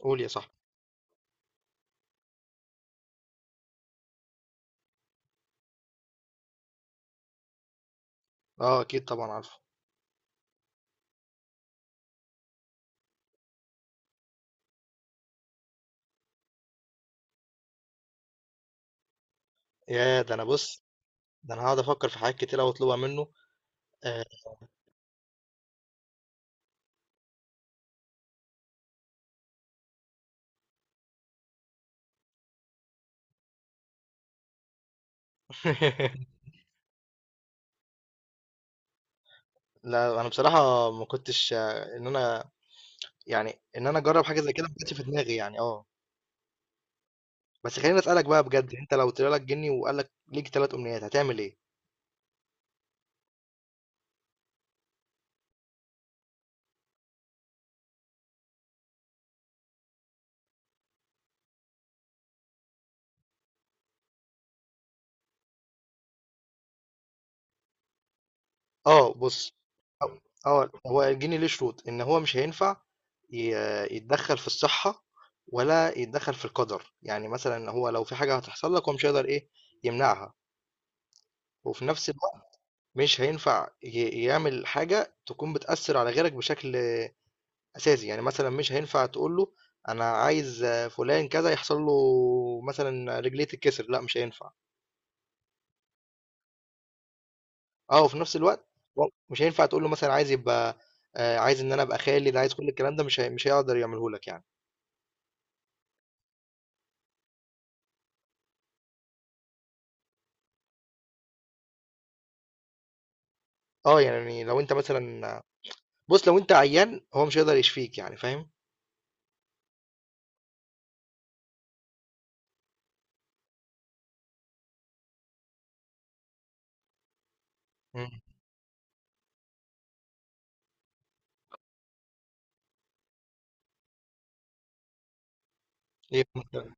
قول يا صاحبي. اه، اكيد طبعا عارفه. يا ده انا بص، ده انا هقعد افكر في حاجات كتير أوي اطلبها منه. آه، لا، انا بصراحه ما كنتش آه، ان انا يعني ان انا اجرب حاجه زي كده، ما كانتش في دماغي يعني اه بس خليني اسالك بقى بجد، انت لو طلع لك جني وقال لك ليك ثلاث امنيات هتعمل ايه؟ اه، بص. أو- اه، هو الجني ليه شروط ان هو مش هينفع يتدخل في الصحه، ولا يتدخل في القدر، يعني مثلا هو لو في حاجه هتحصل لك، هو مش هيقدر، ايه، يمنعها. وفي نفس مش هينفع يعمل حاجة تكون بتأثّر على غيرك بشكل أساسي، يعني مثلًا مش هينفع تقول له أنا عايز فلان كذا يحصل له، مثلًا رجليه تتكسر، لأ مش هينفع. وفي نفس الوقت، و مش هينفع تقول له مثلًا عايز يبقى، عايز إن أنا أبقى خالد، عايز كل الكلام ده مش هيقدر يعمله لك يعني. يعني لو أنت مثلًا، بُص، لو أنت عيان هو مش هيقدر يشفيك، يعني فاهم؟ إمم. إيه المشكلة؟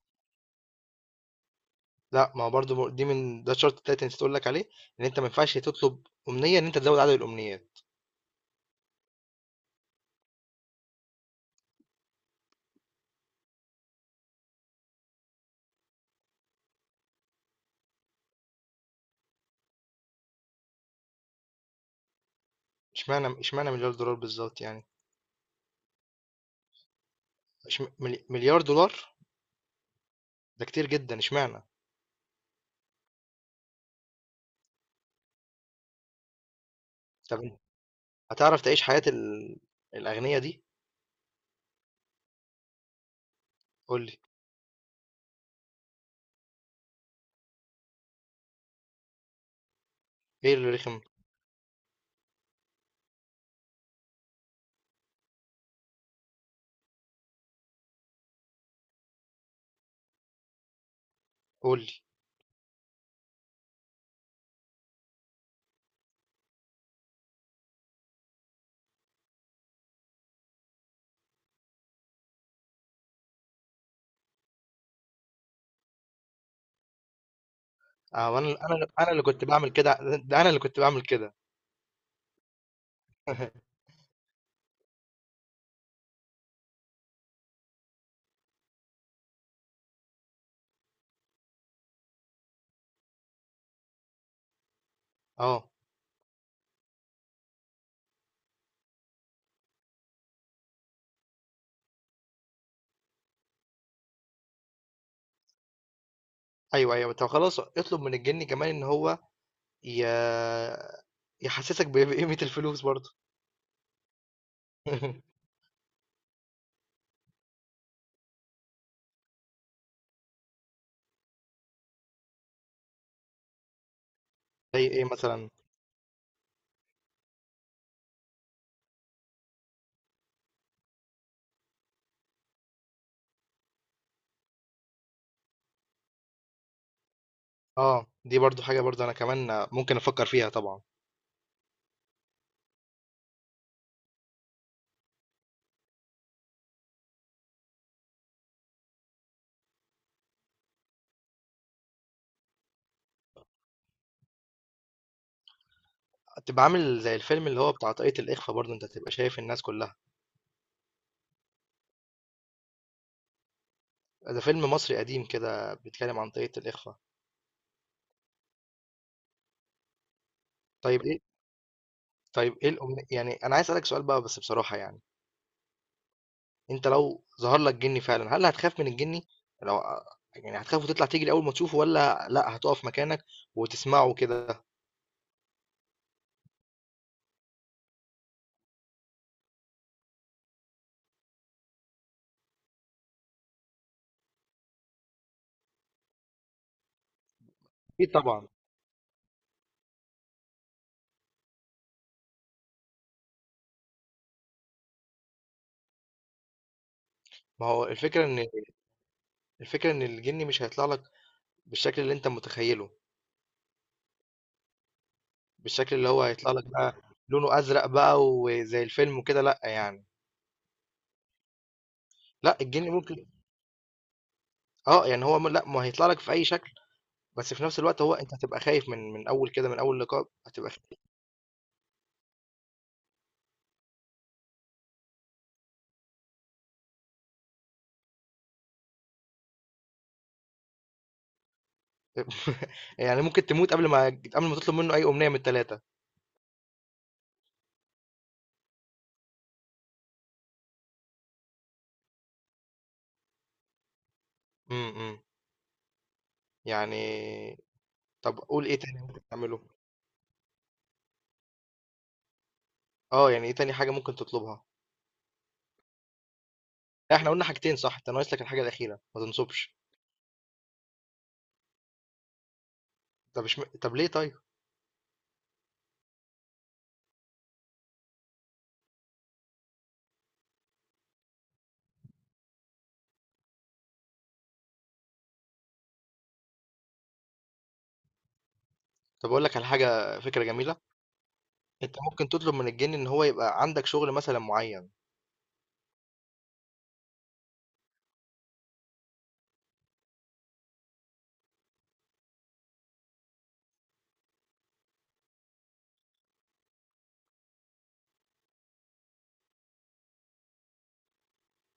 لأ، ما هو برضه م دي من ده الشرط التالت اللي نسيت أقول لك عليه، إن أنت ما ينفعش تطلب أمنية إن أنت تزوّد عدد الأمنيات. اشمعنى مليار دولار بالظبط، يعني؟ مليار دولار. ده كتير جدا، اشمعنى؟ طب انت هتعرف تعيش حياة الأغنياء دي؟ قول لي. ايه اللي رخم؟ قول لي. اه. انا اللي كنت بعمل كده، ده انا اللي كنت بعمل كده. اه. ايوه، ايوه، طب خلاص، اطلب من الجن كمان ان هو ي... يحسسك بقيمة الفلوس برضه. زي ايه مثلا؟ اه، دي برضو حاجة، برضو انا كمان ممكن افكر فيها طبعا. تبقى عامل زي الفيلم اللي هو بتاع طاقية الإخفاء، برضو انت تبقى شايف الناس كلها. ده فيلم مصري قديم كده بيتكلم عن طريقة الإخفاء. طيب إيه؟ طيب إيه الأمنية؟ يعني أنا عايز أسألك سؤال بقى بس بصراحة، يعني. أنت لو ظهر لك جني فعلا، هل هتخاف من الجني؟ لو يعني هتخاف وتطلع تجري أول ما تشوفه، ولا لأ، هتقف مكانك وتسمعه كده؟ أكيد طبعا. ما هو الفكرة إن الجني مش هيطلع لك بالشكل اللي أنت متخيله، بالشكل اللي هو هيطلع لك بقى. لونه أزرق بقى وزي الفيلم وكده، لأ يعني. لأ، الجني ممكن، اه يعني هو لأ ما هيطلع لك في أي شكل. بس في نفس الوقت، هو أنت هتبقى خايف من أول كده، من أول لقاء هتبقى خايف. يعني ممكن تموت قبل ما تطلب منه أي أمنية من التلاتة. امم، أمم. يعني. طب قول، إيه تاني ممكن تعمله؟ أه، يعني إيه تاني حاجة ممكن تطلبها؟ لا، إحنا قلنا حاجتين صح؟ أنت ناقص لك الحاجة الأخيرة، ما تنصبش. طب مش م... طب ليه، طيب؟ طب أقول لك على حاجة، فكرة جميلة. أنت ممكن تطلب من الجن إن هو يبقى عندك شغل مثلا معين.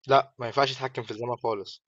لا، ما ينفعش يتحكم في الزمن خالص.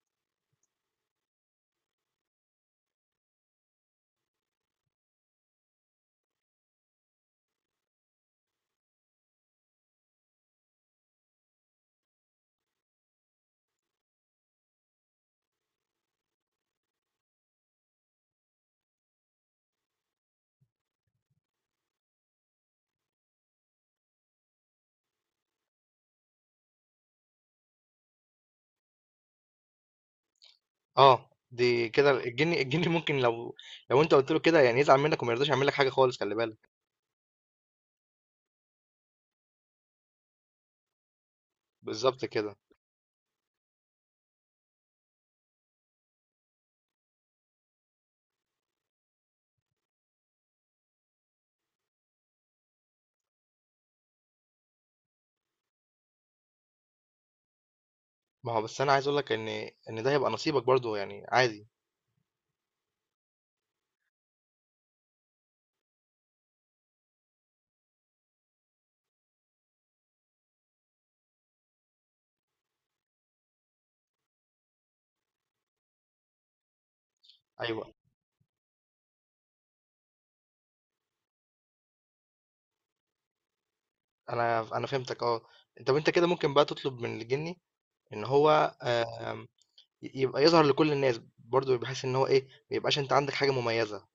أه، دي كده الجن ممكن، لو انت قلت له كده يعني، يزعل منك وما يرضاش يعمل لك حاجه خالص، خلي بالك. بالظبط كده. ما هو بس انا عايز اقول لك ان ده هيبقى نصيبك برضو، يعني عادي. ايوه، انا فهمتك، اه. طب انت كده ممكن بقى تطلب من الجني ان هو، آم، يبقى يظهر لكل الناس برضو، بحيث ان هو، ايه، ما يبقاش انت عندك حاجه مميزه.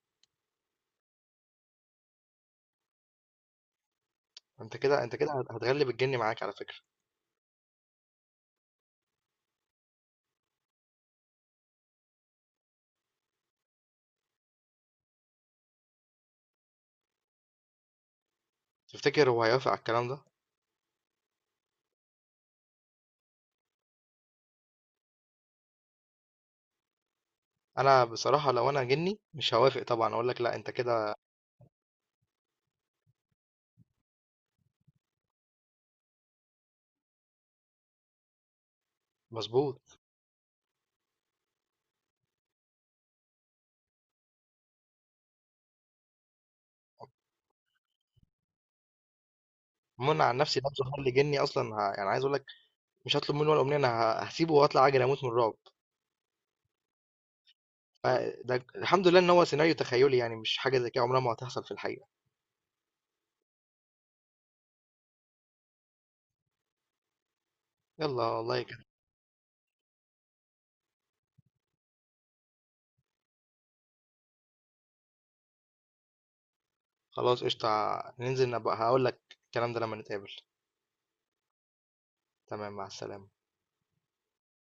انت كده هتغلب الجني معاك على فكره. تفتكر هو هيوافق على الكلام ده؟ انا بصراحه، لو انا جني مش هوافق طبعا، اقول لك لا انت كده. مظبوط. منع عن نفسي، لو ظهر لي جني اصلا، يعني عايز اقول لك، مش هطلب منه ولا امنيه. انا هسيبه واطلع اجري اموت من الرعب. ده الحمد لله ان هو سيناريو تخيلي، يعني مش حاجه زي كده عمرها ما هتحصل في الحقيقه. يلا والله كده. خلاص قشطه. ننزل، نبقى هقول لك الكلام ده لما نتقابل. تمام، مع السلامه.